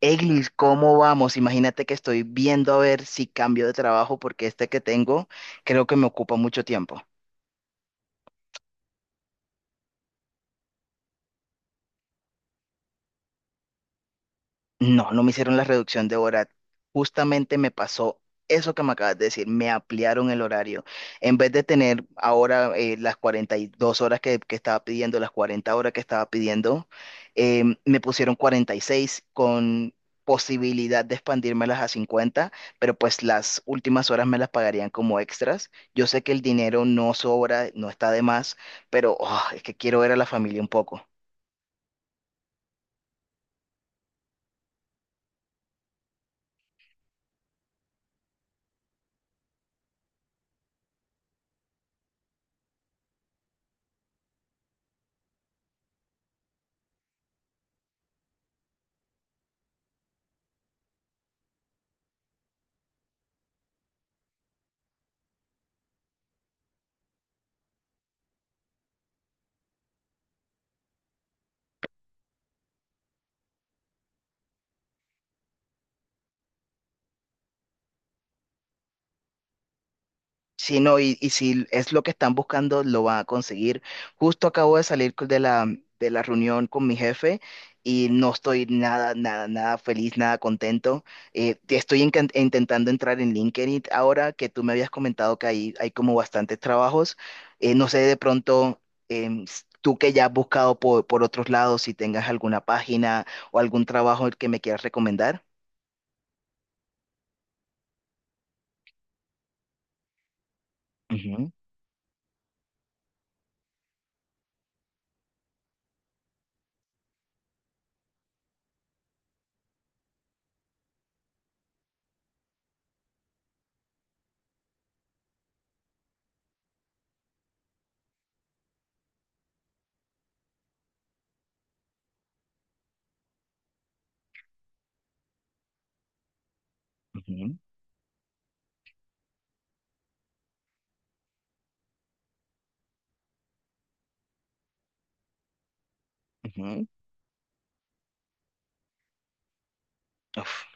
Eglis, ¿cómo vamos? Imagínate que estoy viendo a ver si cambio de trabajo porque este que tengo creo que me ocupa mucho tiempo. No, no me hicieron la reducción de hora. Justamente me pasó eso que me acabas de decir. Me ampliaron el horario. En vez de tener ahora las 42 horas que estaba pidiendo, las 40 horas que estaba pidiendo, me pusieron 46 con posibilidad de expandírmelas a 50, pero pues las últimas horas me las pagarían como extras. Yo sé que el dinero no sobra, no está de más, pero oh, es que quiero ver a la familia un poco. Sí, no, y si es lo que están buscando, lo van a conseguir. Justo acabo de salir de la reunión con mi jefe y no estoy nada, nada, nada feliz, nada contento. Te estoy intentando entrar en LinkedIn ahora que tú me habías comentado que ahí hay como bastantes trabajos. No sé, de pronto, tú que ya has buscado por otros lados, si tengas alguna página o algún trabajo que me quieras recomendar. Ujú, ujú, ujú. Uf.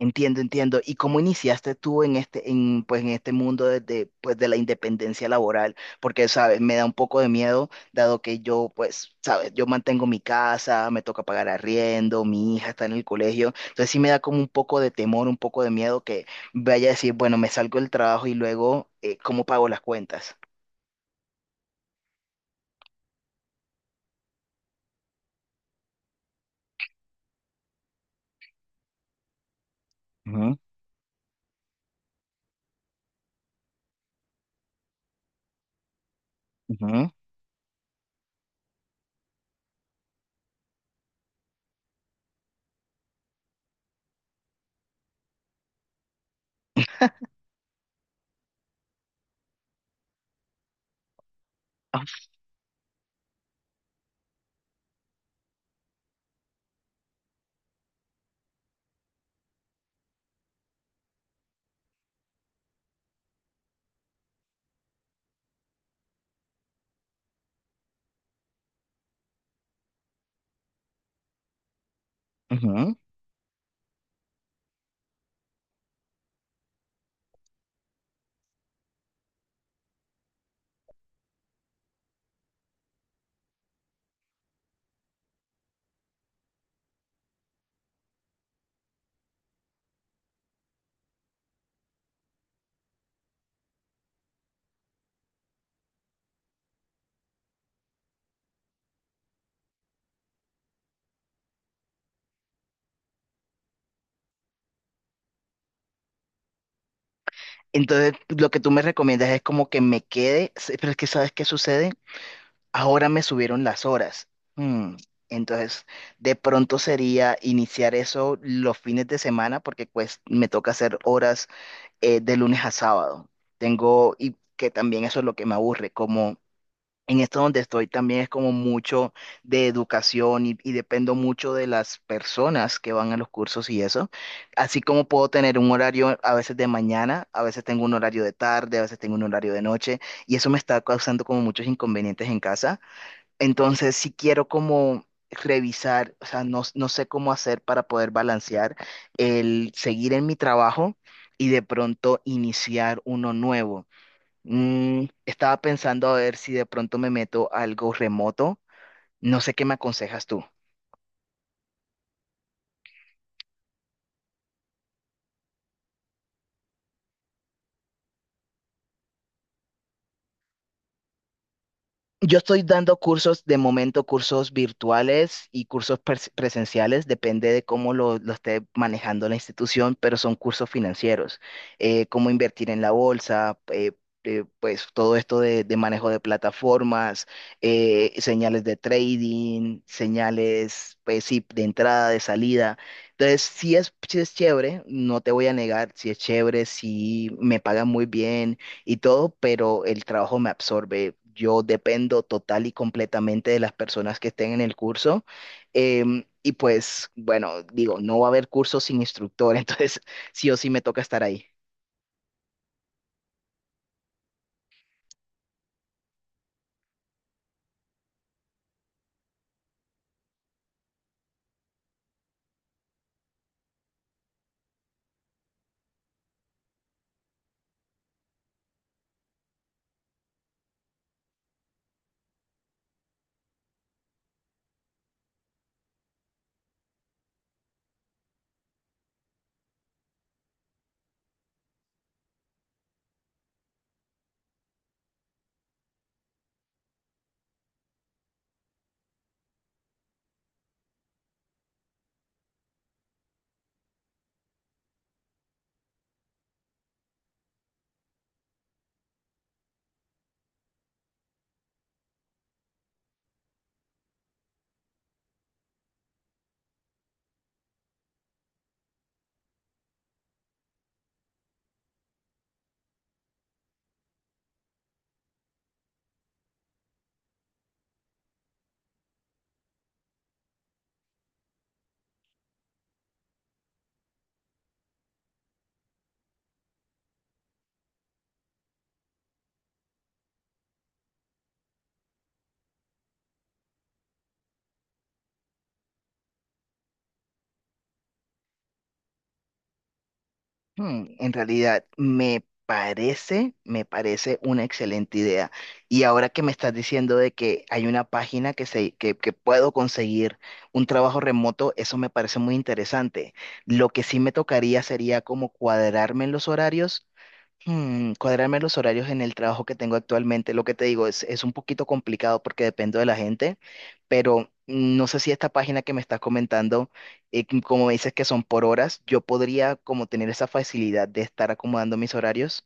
Entiendo, entiendo. ¿Y cómo iniciaste tú en este, en, pues, en este mundo desde, pues, de la independencia laboral? Porque, sabes, me da un poco de miedo, dado que yo, pues, sabes, yo mantengo mi casa, me toca pagar arriendo, mi hija está en el colegio. Entonces sí me da como un poco de temor, un poco de miedo que vaya a decir, bueno, me salgo del trabajo y luego, ¿cómo pago las cuentas? Ujú, ujú, ah, ujú. Entonces, lo que tú me recomiendas es como que me quede, pero es que ¿sabes qué sucede? Ahora me subieron las horas. Mm, Entonces, de pronto sería iniciar eso los fines de semana porque pues me toca hacer horas, de lunes a sábado. Tengo, y que también eso es lo que me aburre, como en esto donde estoy también es como mucho de educación y dependo mucho de las personas que van a los cursos y eso. Así como puedo tener un horario a veces de mañana, a veces tengo un horario de tarde, a veces tengo un horario de noche, y eso me está causando como muchos inconvenientes en casa. Entonces, si quiero como revisar, o sea, no, no sé cómo hacer para poder balancear el seguir en mi trabajo y de pronto iniciar uno nuevo. Estaba pensando a ver si de pronto me meto a algo remoto. No sé qué me aconsejas tú. Yo estoy dando cursos, de momento, cursos virtuales y cursos presenciales, depende de cómo lo esté manejando la institución, pero son cursos financieros. Cómo invertir en la bolsa, pues todo esto de manejo de plataformas, señales de trading, señales, pues sí, de entrada, de salida. Entonces, sí es chévere, no te voy a negar, sí es chévere, sí me pagan muy bien y todo, pero el trabajo me absorbe. Yo dependo total y completamente de las personas que estén en el curso. Y pues, bueno, digo, no va a haber cursos sin instructor, entonces sí o sí me toca estar ahí. En realidad, me parece una excelente idea. Y ahora que me estás diciendo de que hay una página que puedo conseguir un trabajo remoto, eso me parece muy interesante. Lo que sí me tocaría sería como cuadrarme en los horarios. Cuadrarme los horarios en el trabajo que tengo actualmente, lo que te digo es un poquito complicado porque dependo de la gente, pero no sé si esta página que me estás comentando, como me dices que son por horas, yo podría como tener esa facilidad de estar acomodando mis horarios.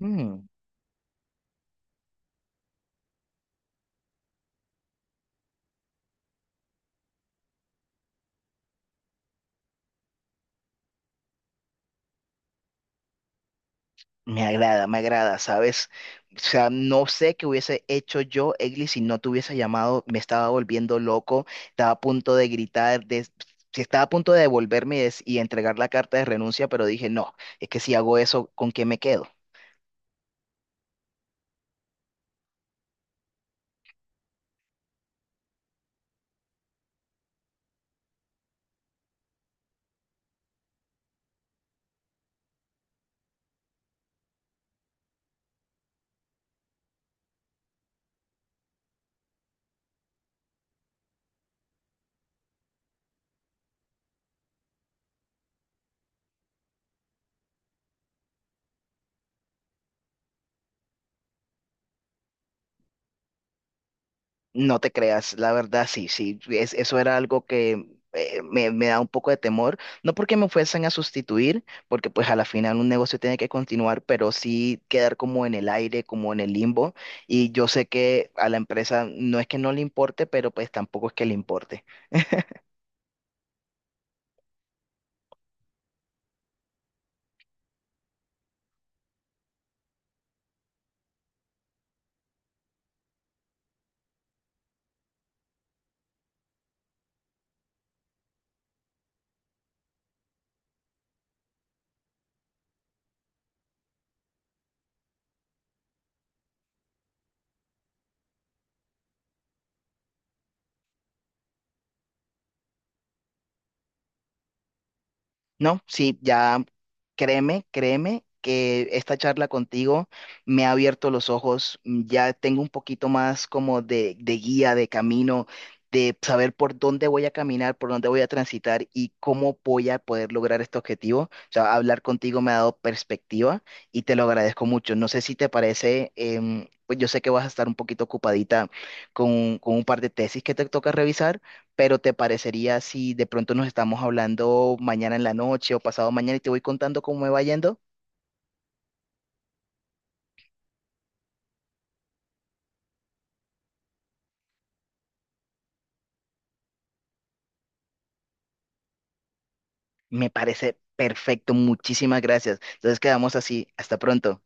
Ujú. Me agrada, ¿sabes? O sea, no sé qué hubiese hecho yo, Egli, si no te hubiese llamado. Me estaba volviendo loco, estaba a punto de gritar, sí, estaba a punto de devolverme y entregar la carta de renuncia, pero dije, no, es que si hago eso, ¿con qué me quedo? No te creas, la verdad sí, sí, eso era algo que me da un poco de temor, no porque me fuesen a sustituir, porque pues a la final un negocio tiene que continuar, pero sí quedar como en el aire, como en el limbo, y yo sé que a la empresa no es que no le importe, pero pues tampoco es que le importe. No, sí, ya créeme, créeme que esta charla contigo me ha abierto los ojos. Ya tengo un poquito más como de guía, de camino, de saber por dónde voy a caminar, por dónde voy a transitar y cómo voy a poder lograr este objetivo. O sea, hablar contigo me ha dado perspectiva y te lo agradezco mucho. No sé si te parece, pues yo sé que vas a estar un poquito ocupadita con un par de tesis que te toca revisar, pero ¿te parecería si de pronto nos estamos hablando mañana en la noche o pasado mañana y te voy contando cómo me va yendo? Me parece perfecto, muchísimas gracias. Entonces quedamos así, hasta pronto.